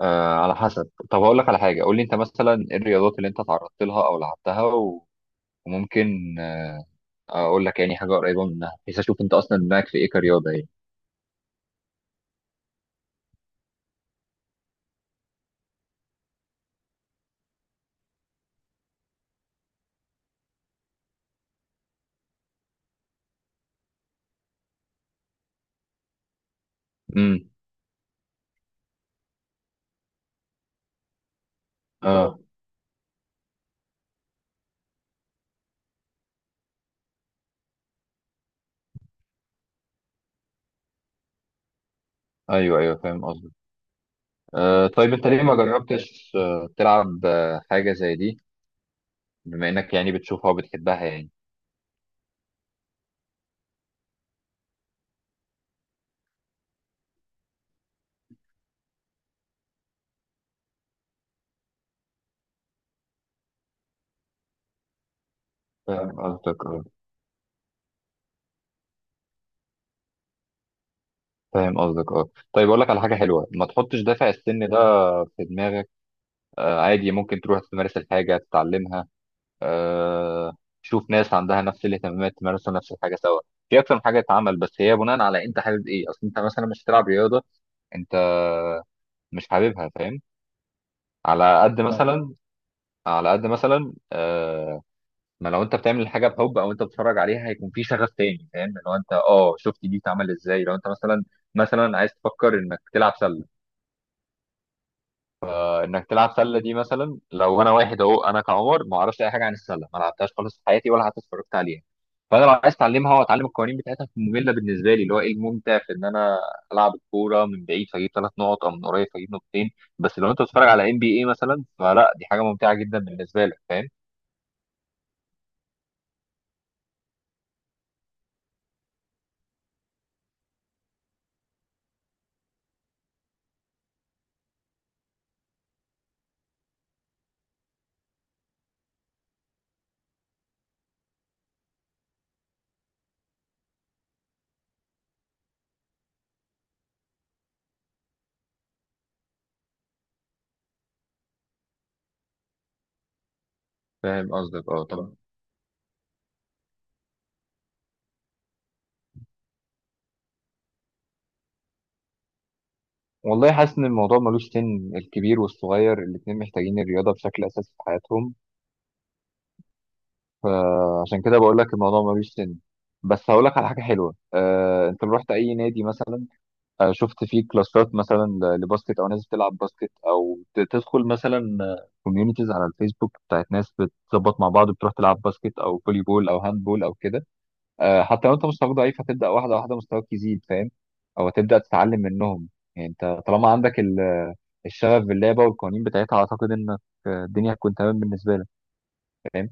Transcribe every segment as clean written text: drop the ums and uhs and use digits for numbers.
آه، على حسب. طب هقول لك على حاجه. قول لي انت مثلا ايه الرياضات اللي انت تعرضت لها او لعبتها وممكن اقول لك يعني حاجه قريبه منها بحيث اشوف انت اصلا دماغك في ايه كرياضه يعني. امم اه. ايوه، ايوه فاهم قصدك. طيب انت ليه ما جربتش تلعب حاجه زي دي؟ بما انك يعني بتشوفها وبتحبها يعني. فاهم قصدك، اه. فاهم قصدك، اه. طيب اقول لك على حاجه حلوه، ما تحطش دافع السن ده في دماغك. عادي ممكن تروح تمارس الحاجه تتعلمها. آه، شوف ناس عندها نفس الاهتمامات تمارسوا نفس الحاجه سوا. في اكتر من حاجه تتعمل، بس هي بناء على انت حابب ايه. اصل انت مثلا مش هتلعب رياضه انت مش حاببها، فاهم؟ على قد اه مثلا على قد مثلا، ما لو انت بتعمل الحاجه بحب او انت بتتفرج عليها هيكون في شغف تاني، فاهم؟ لو انت شفت دي اتعمل ازاي، لو انت مثلا عايز تفكر انك تلعب سله انك تلعب سله دي، مثلا لو انا واحد اهو، انا كعمر ما اعرفش اي حاجه عن السله، ما لعبتهاش خالص في حياتي ولا حتى اتفرجت عليها. فانا لو عايز اتعلمها واتعلم القوانين بتاعتها، ممله بالنسبه لي، اللي هو ايه الممتع في ان انا العب الكوره من بعيد فاجيب ثلاث نقط او من قريب فاجيب نقطتين؟ بس لو انت بتتفرج على NBA مثلا، فلا، دي حاجه ممتعه جدا بالنسبه لك، فاهم. فاهم قصدك، اه، طبعا. والله حاسس ان الموضوع ملوش سن. الكبير والصغير الاتنين محتاجين الرياضه بشكل اساسي في حياتهم. فعشان كده بقول لك الموضوع ملوش سن. بس هقول لك على حاجه حلوه. انت لو رحت اي نادي مثلا، شفت فيه كلاسات مثلا لباسكت، او ناس بتلعب باسكت، او تدخل مثلا كوميونيتيز على الفيسبوك بتاعت ناس بتظبط مع بعض بتروح تلعب باسكت او فولي بول او هاند بول او كده. حتى لو انت مستواك ضعيف هتبدا واحده واحده مستواك يزيد، فاهم، او هتبدا تتعلم منهم. يعني انت طالما عندك الشغف باللعبه والقوانين بتاعتها، اعتقد انك الدنيا هتكون تمام بالنسبه لك. فاهم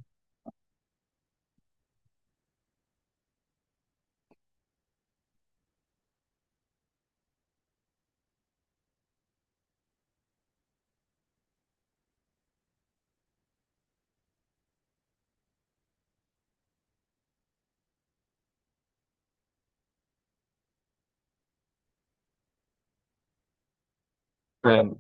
فاهم.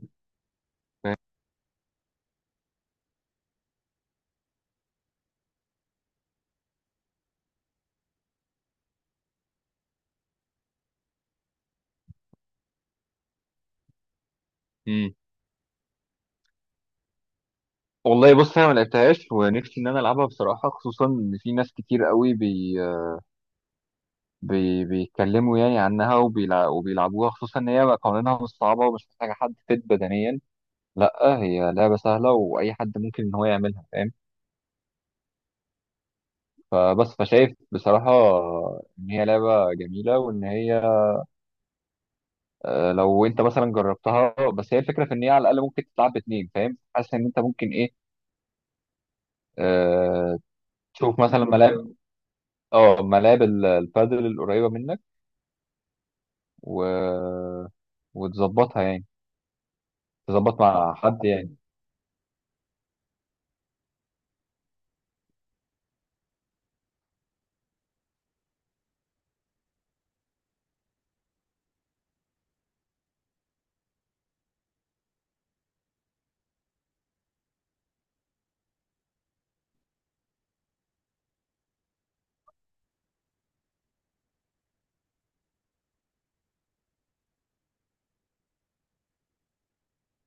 مم. والله بص، انا ما لعبتهاش ونفسي ان انا العبها بصراحه، خصوصا ان في ناس كتير قوي بي بي بيتكلموا يعني عنها وبيلعبوها. خصوصا ان هي قوانينها مش صعبه ومش محتاجه حد فت بدنيا. لا، هي لعبه سهله واي حد ممكن ان هو يعملها، فاهم. فبس، فشايف بصراحه ان هي لعبه جميله، وان هي لو انت مثلا جربتها. بس هي الفكره في ان هي على الاقل ممكن تتلعب باتنين، فاهم. حاسس ان انت ممكن ايه، آه، تشوف مثلا ملاعب البادل القريبه منك و... وتظبطها يعني، تظبط مع حد يعني.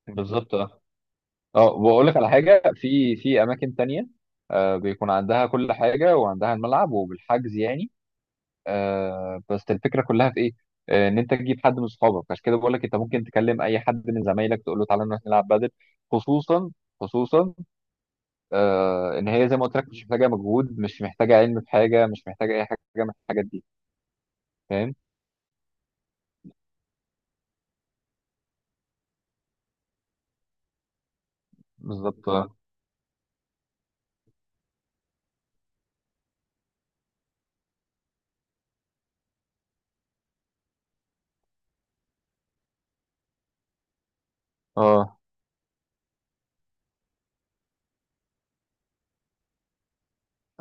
بالظبط، اه. اه، واقول لك على حاجه. في اماكن تانية بيكون عندها كل حاجه وعندها الملعب وبالحجز يعني. بس الفكره كلها في ايه؟ ان انت تجيب حد من اصحابك. عشان كده بقول لك انت ممكن تكلم اي حد من زمايلك تقول له تعالى نروح نلعب بدل. خصوصا، خصوصا ان هي زي ما قلت لك مش محتاجه مجهود، مش محتاجه علم في حاجه، مش محتاجه اي حاجه من الحاجات دي، فاهم؟ بالظبط، اه. آه.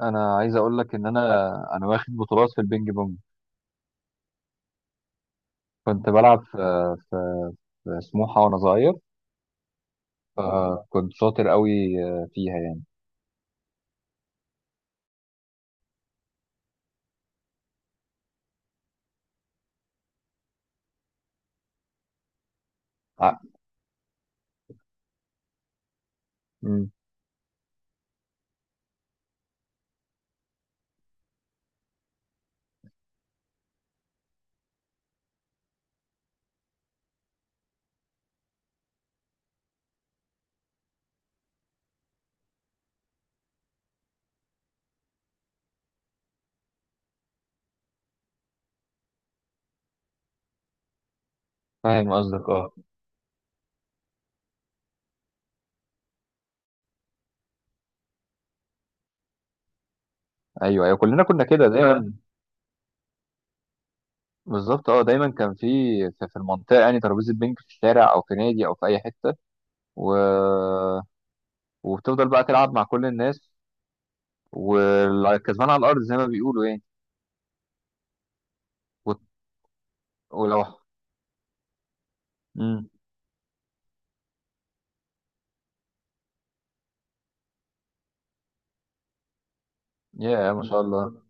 انا عايز اقول لك ان انا واخد بطولات في البينج بونج. كنت بلعب في في سموحه وانا صغير، فكنت شاطر قوي فيها يعني. ع- مم. فاهم قصدك، اه. ايوه، ايوه كلنا كنا كده دايما. بالظبط اه، دايما كان في المنطقه يعني ترابيزه بينج في الشارع او في نادي او في اي حته و... وبتفضل بقى تلعب مع كل الناس، والكسبان على الارض زي ما بيقولوا يعني. وت- ولو مم. يا ما شاء الله.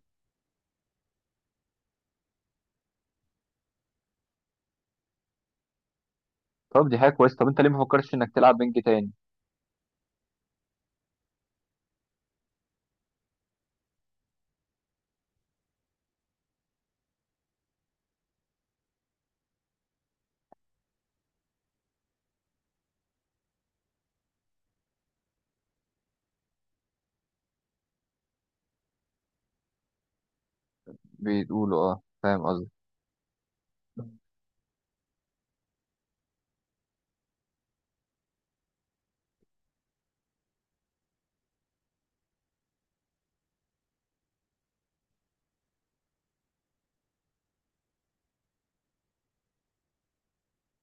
طب دي حاجه كويسه، طب انت ليه ما فكرتش انك تلعب بينج تاني؟ بيقولوا اه،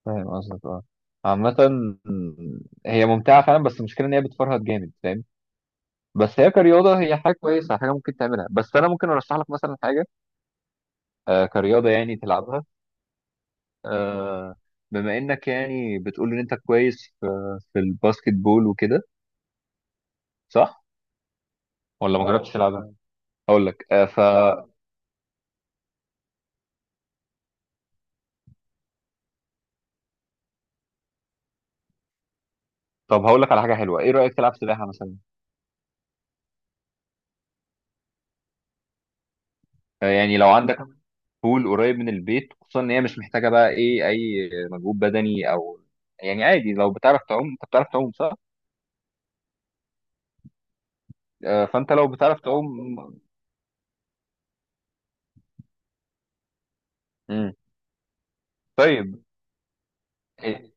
فاهم قصدك، اه. عامة هي ممتعة فعلا، بس المشكلة ان هي بتفرهد جامد، فاهم. بس هي كرياضة، هي حاجة كويسة حاجة ممكن تعملها. بس انا ممكن ارشح لك مثلا حاجة كرياضة يعني تلعبها. آه بما انك يعني بتقول ان انت كويس في الباسكت بول وكده، صح، ولا ما جربتش تلعبها؟ هقول لك آه ف طب هقول لك على حاجة حلوة. ايه رأيك تلعب سباحة مثلا؟ يعني لو عندك بول قريب من البيت، خصوصا ان هي مش محتاجه بقى ايه اي مجهود بدني او يعني عادي. لو بتعرف تعوم، انت بتعرف تعوم، صح؟ فانت لو بتعرف تعوم. مم. طيب إيه،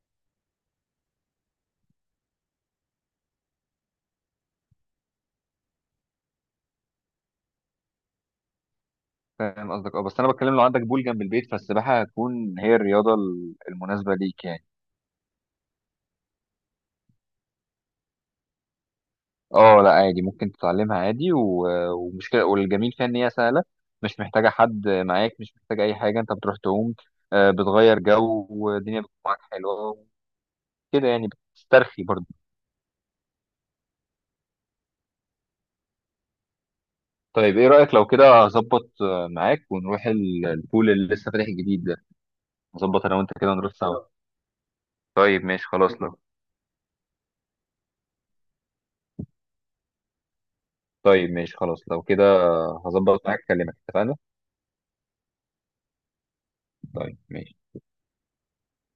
فاهم قصدك، اه. بس انا بتكلم لو عندك بول جنب البيت فالسباحه هتكون هي الرياضه المناسبه ليك يعني. اه، لا، عادي ممكن تتعلمها عادي ومش كده، والجميل فيها ان هي سهله، مش محتاجه حد معاك، مش محتاجه اي حاجه، انت بتروح تعوم بتغير جو والدنيا بتكون معاك حلوه كده يعني، بتسترخي برضه. طيب ايه رأيك لو كده اظبط معاك ونروح البول اللي لسه فاتح جديد ده؟ نظبط انا وانت كده نروح سوا. طيب ماشي خلاص لو طيب ماشي خلاص لو كده هظبط معاك اكلمك، اتفقنا. طيب ماشي